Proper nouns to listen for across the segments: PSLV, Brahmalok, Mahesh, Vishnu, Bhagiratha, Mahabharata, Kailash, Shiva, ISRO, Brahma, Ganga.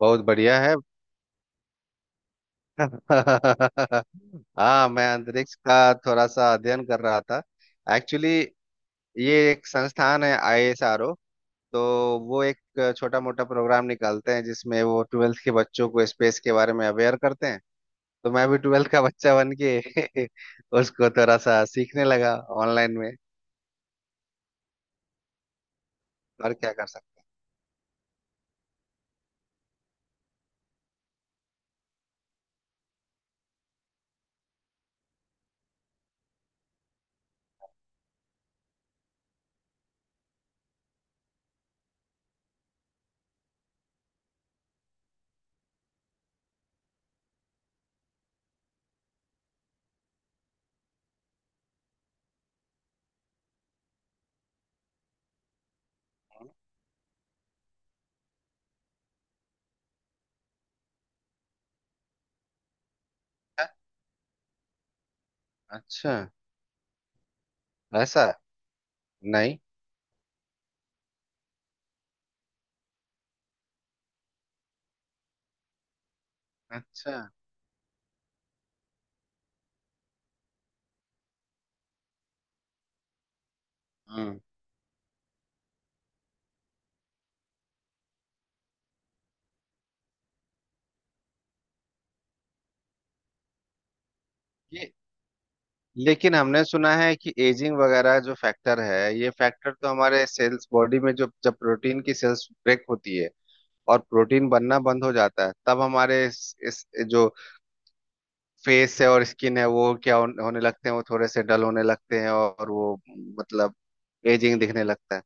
बहुत बढ़िया है। हाँ, मैं अंतरिक्ष का थोड़ा सा अध्ययन कर रहा था एक्चुअली। ये एक संस्थान है आईएसआरओ। तो वो एक छोटा मोटा प्रोग्राम निकालते हैं जिसमें वो ट्वेल्थ के बच्चों को स्पेस के बारे में अवेयर करते हैं। तो मैं भी ट्वेल्थ का बच्चा बन के उसको थोड़ा सा सीखने लगा ऑनलाइन में। और क्या कर सकते हैं। अच्छा। ऐसा। नहीं। अच्छा। हम्म। ये लेकिन हमने सुना है कि एजिंग वगैरह जो फैक्टर है, ये फैक्टर तो हमारे सेल्स बॉडी में जो जब प्रोटीन की सेल्स ब्रेक होती है और प्रोटीन बनना बंद हो जाता है, तब हमारे इस जो फेस है और स्किन है, वो क्या होने लगते हैं, वो थोड़े से डल होने लगते हैं, और वो मतलब एजिंग दिखने लगता है।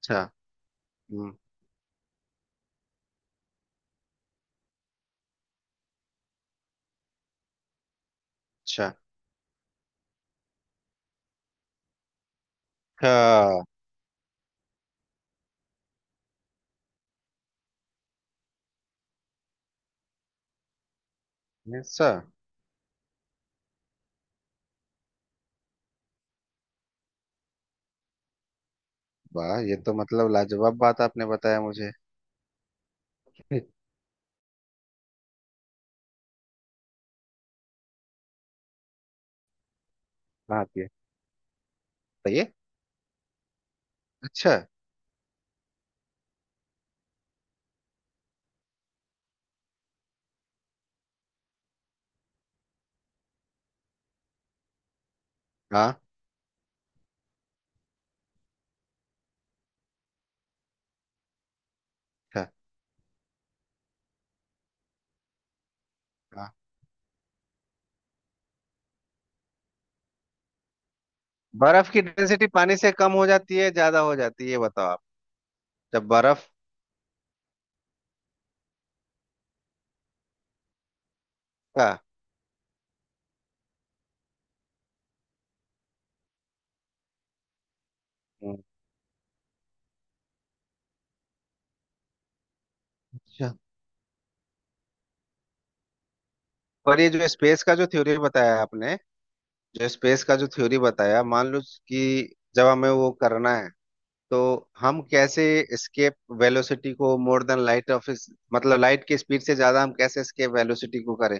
अच्छा। हम्म। अच्छा। अच्छा। ऐसा। वाह, ये तो मतलब लाजवाब बात आपने बताया मुझे। हाँ, ये बताइए। अच्छा। हाँ। अच्छा, बर्फ की डेंसिटी पानी से कम हो जाती है ज्यादा हो जाती है, ये बताओ आप। जब बर्फ का। हम्म। अच्छा। पर ये जो स्पेस का जो थ्योरी बताया आपने, जो स्पेस का जो थ्योरी बताया, मान लो कि जब हमें वो करना है, तो हम कैसे एस्केप वेलोसिटी को मोर देन लाइट ऑफ, मतलब लाइट की स्पीड से ज्यादा हम कैसे एस्केप वेलोसिटी को करें।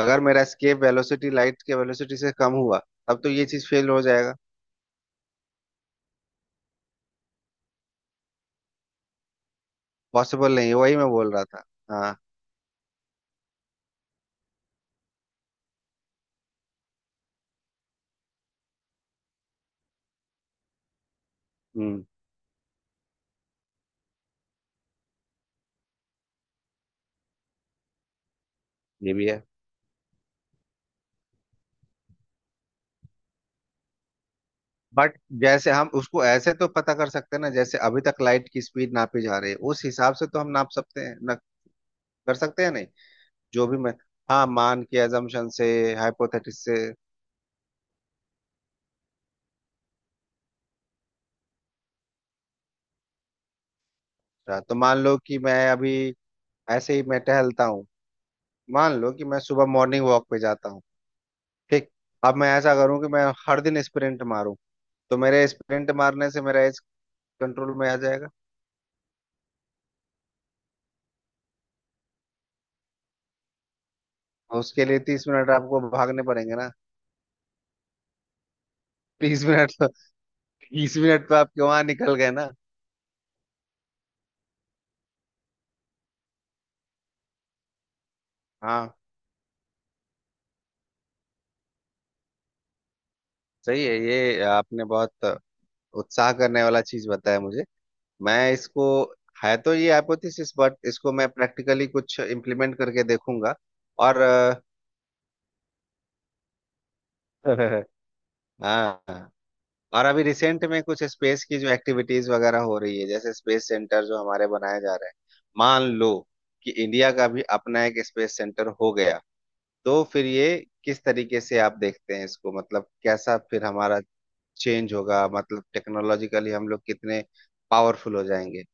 अगर मेरा एस्केप वेलोसिटी लाइट के वेलोसिटी से कम हुआ, तब तो ये चीज फेल हो जाएगा। पॉसिबल नहीं है, वही मैं बोल रहा था। हाँ। हम्म। ये भी है, बट जैसे हम उसको ऐसे तो पता कर सकते हैं ना, जैसे अभी तक लाइट की स्पीड नापी जा रही है, उस हिसाब से तो हम नाप सकते हैं ना। कर सकते हैं नहीं। जो भी मैं। हाँ, मान के अजम्पशन से, हाइपोथेटिस से रहा। तो मान लो कि मैं अभी ऐसे ही मैं टहलता हूँ, मान लो कि मैं सुबह मॉर्निंग वॉक पे जाता हूँ। ठीक। अब मैं ऐसा करूँ कि मैं हर दिन स्प्रिंट मारूं, तो मेरे स्प्रिंट मारने से मेरा एज कंट्रोल में आ जाएगा। और उसके लिए 30 मिनट आपको भागने पड़ेंगे ना। तीस मिनट तो, 30 मिनट तो आप वहां निकल गए ना। हाँ। सही है, ये आपने बहुत उत्साह करने वाला चीज बताया मुझे। मैं इसको, है तो ये हाइपोथेसिस, बट इसको मैं प्रैक्टिकली कुछ इम्प्लीमेंट करके देखूंगा। और हाँ। और अभी रिसेंट में कुछ स्पेस की जो एक्टिविटीज वगैरह हो रही है, जैसे स्पेस सेंटर जो हमारे बनाए जा रहे हैं, मान लो कि इंडिया का भी अपना एक स्पेस सेंटर हो गया, तो फिर ये किस तरीके से आप देखते हैं इसको, मतलब कैसा फिर हमारा चेंज होगा, मतलब टेक्नोलॉजिकली हम लोग कितने पावरफुल हो जाएंगे।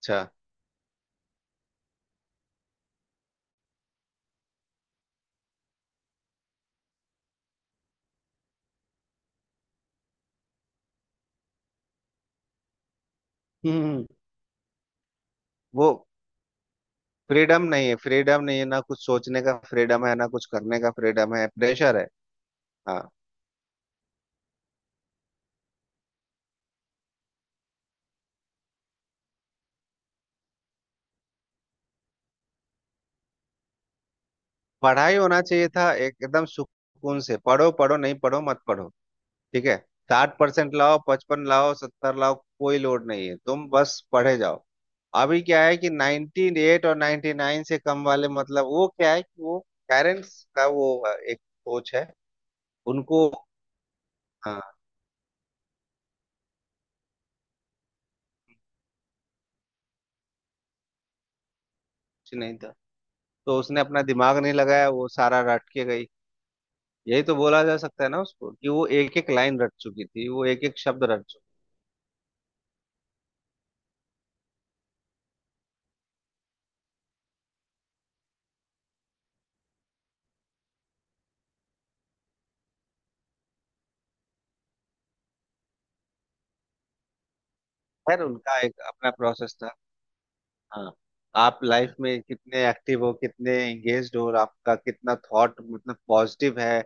अच्छा। हम्म। वो फ्रीडम नहीं है, फ्रीडम नहीं है ना, कुछ सोचने का फ्रीडम है, ना कुछ करने का फ्रीडम है, प्रेशर है। हाँ। पढ़ाई होना चाहिए था एकदम सुकून से, पढ़ो पढ़ो, नहीं पढ़ो मत पढ़ो। ठीक है। 60% लाओ, 55 लाओ, 70 लाओ, कोई लोड नहीं है, तुम बस पढ़े जाओ। अभी क्या है कि 98 और 99 से कम वाले, मतलब वो क्या है कि वो पेरेंट्स का वो एक सोच है। उनको हाँ। कुछ नहीं था, तो उसने अपना दिमाग नहीं लगाया, वो सारा रट के गई। यही तो बोला जा सकता है ना उसको कि वो एक एक लाइन रट चुकी थी, वो एक एक शब्द रट चुकी। खैर, उनका एक अपना प्रोसेस था। हाँ। आप लाइफ में कितने एक्टिव हो, कितने एंगेज्ड हो, और आपका कितना थॉट मतलब पॉजिटिव है,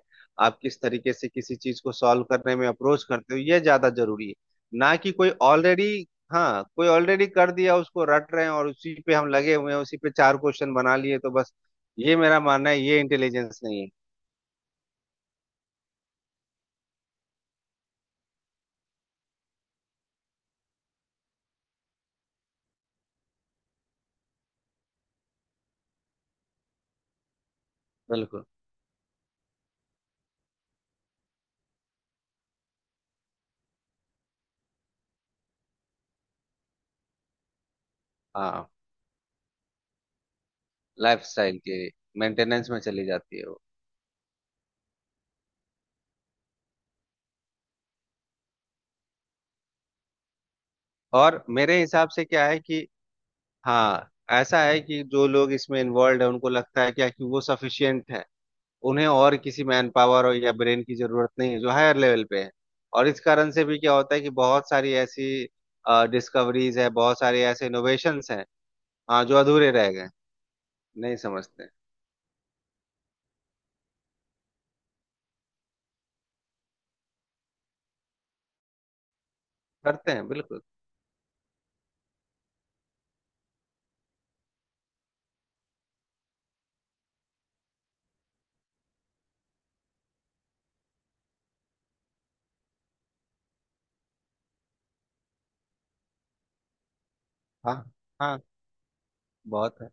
आप किस तरीके से किसी चीज को सॉल्व करने में अप्रोच करते हो, ये ज्यादा जरूरी है। ना कि कोई ऑलरेडी। हाँ, कोई ऑलरेडी कर दिया, उसको रट रहे हैं और उसी पे हम लगे हुए हैं, उसी पे चार क्वेश्चन बना लिए तो बस। ये मेरा मानना है, ये इंटेलिजेंस नहीं है। बिल्कुल। हाँ। लाइफ स्टाइल के मेंटेनेंस में चली जाती है वो। और मेरे हिसाब से क्या है कि हाँ, ऐसा है कि जो लोग इसमें इन्वॉल्व है, उनको लगता है क्या कि वो सफिशियंट है, उन्हें और किसी मैन पावर और या ब्रेन की जरूरत नहीं है जो हायर लेवल पे है। और इस कारण से भी क्या होता है कि बहुत सारी ऐसी डिस्कवरीज है, बहुत सारे ऐसे इनोवेशंस हैं, हाँ, जो अधूरे रह गए। नहीं समझते। करते हैं, बिल्कुल। हाँ। हाँ, बहुत है।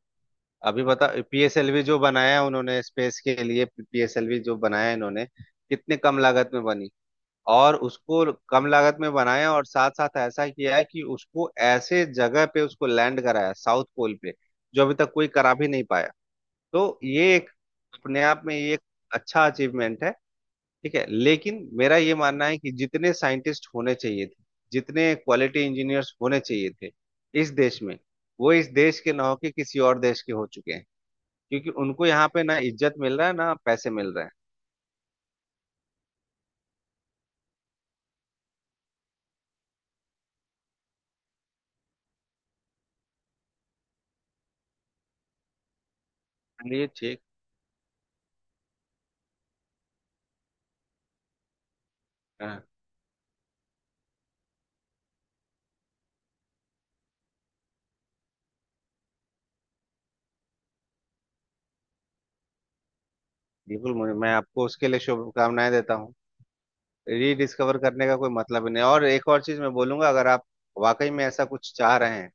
अभी बता पीएसएलवी जो बनाया उन्होंने स्पेस के लिए, पीएसएलवी जो बनाया इन्होंने, कितने कम लागत में बनी, और उसको कम लागत में बनाया, और साथ साथ ऐसा किया है कि उसको ऐसे जगह पे उसको लैंड कराया साउथ पोल पे, जो अभी तक कोई करा भी नहीं पाया। तो ये एक, अपने आप में ये एक अच्छा अचीवमेंट है। ठीक है, लेकिन मेरा ये मानना है कि जितने साइंटिस्ट होने चाहिए थे, जितने क्वालिटी इंजीनियर्स होने चाहिए थे इस देश में, वो इस देश के ना होके किसी और देश के हो चुके हैं, क्योंकि उनको यहाँ पे ना इज्जत मिल रहा है ना पैसे मिल रहे हैं। चलिए ठीक। हाँ, बिल्कुल। मैं आपको उसके लिए शुभकामनाएं देता हूँ। रीडिस्कवर करने का कोई मतलब ही नहीं। और एक और चीज मैं बोलूंगा, अगर आप वाकई में ऐसा कुछ चाह रहे हैं,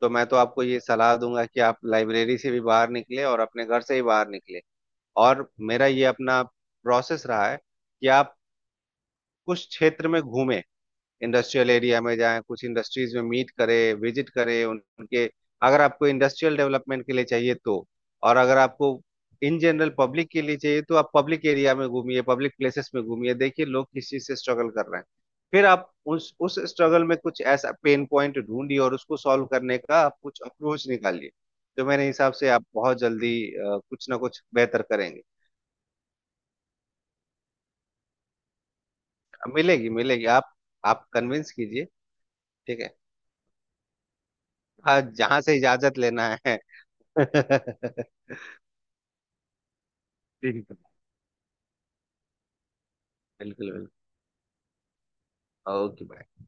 तो मैं तो आपको ये सलाह दूंगा कि आप लाइब्रेरी से भी बाहर निकले और अपने घर से ही बाहर निकले। और मेरा ये अपना प्रोसेस रहा है कि आप कुछ क्षेत्र में घूमें, इंडस्ट्रियल एरिया में जाएं, कुछ इंडस्ट्रीज में मीट करें, विजिट करें उनके, अगर आपको इंडस्ट्रियल डेवलपमेंट के लिए चाहिए तो। और अगर आपको इन जनरल पब्लिक के लिए चाहिए, तो आप पब्लिक एरिया में घूमिए, पब्लिक प्लेसेस में घूमिए, देखिए लोग किस चीज से स्ट्रगल कर रहे हैं, फिर आप उस स्ट्रगल में कुछ ऐसा पेन पॉइंट ढूंढिए और उसको सॉल्व करने का आप कुछ अप्रोच निकालिए। तो मेरे हिसाब से आप बहुत जल्दी कुछ ना कुछ बेहतर करेंगे। मिलेगी, मिलेगी। आप कन्विंस कीजिए। ठीक है। हाँ, जहाँ से इजाजत लेना है। बिल्कुल। बिल्कुल। ओके।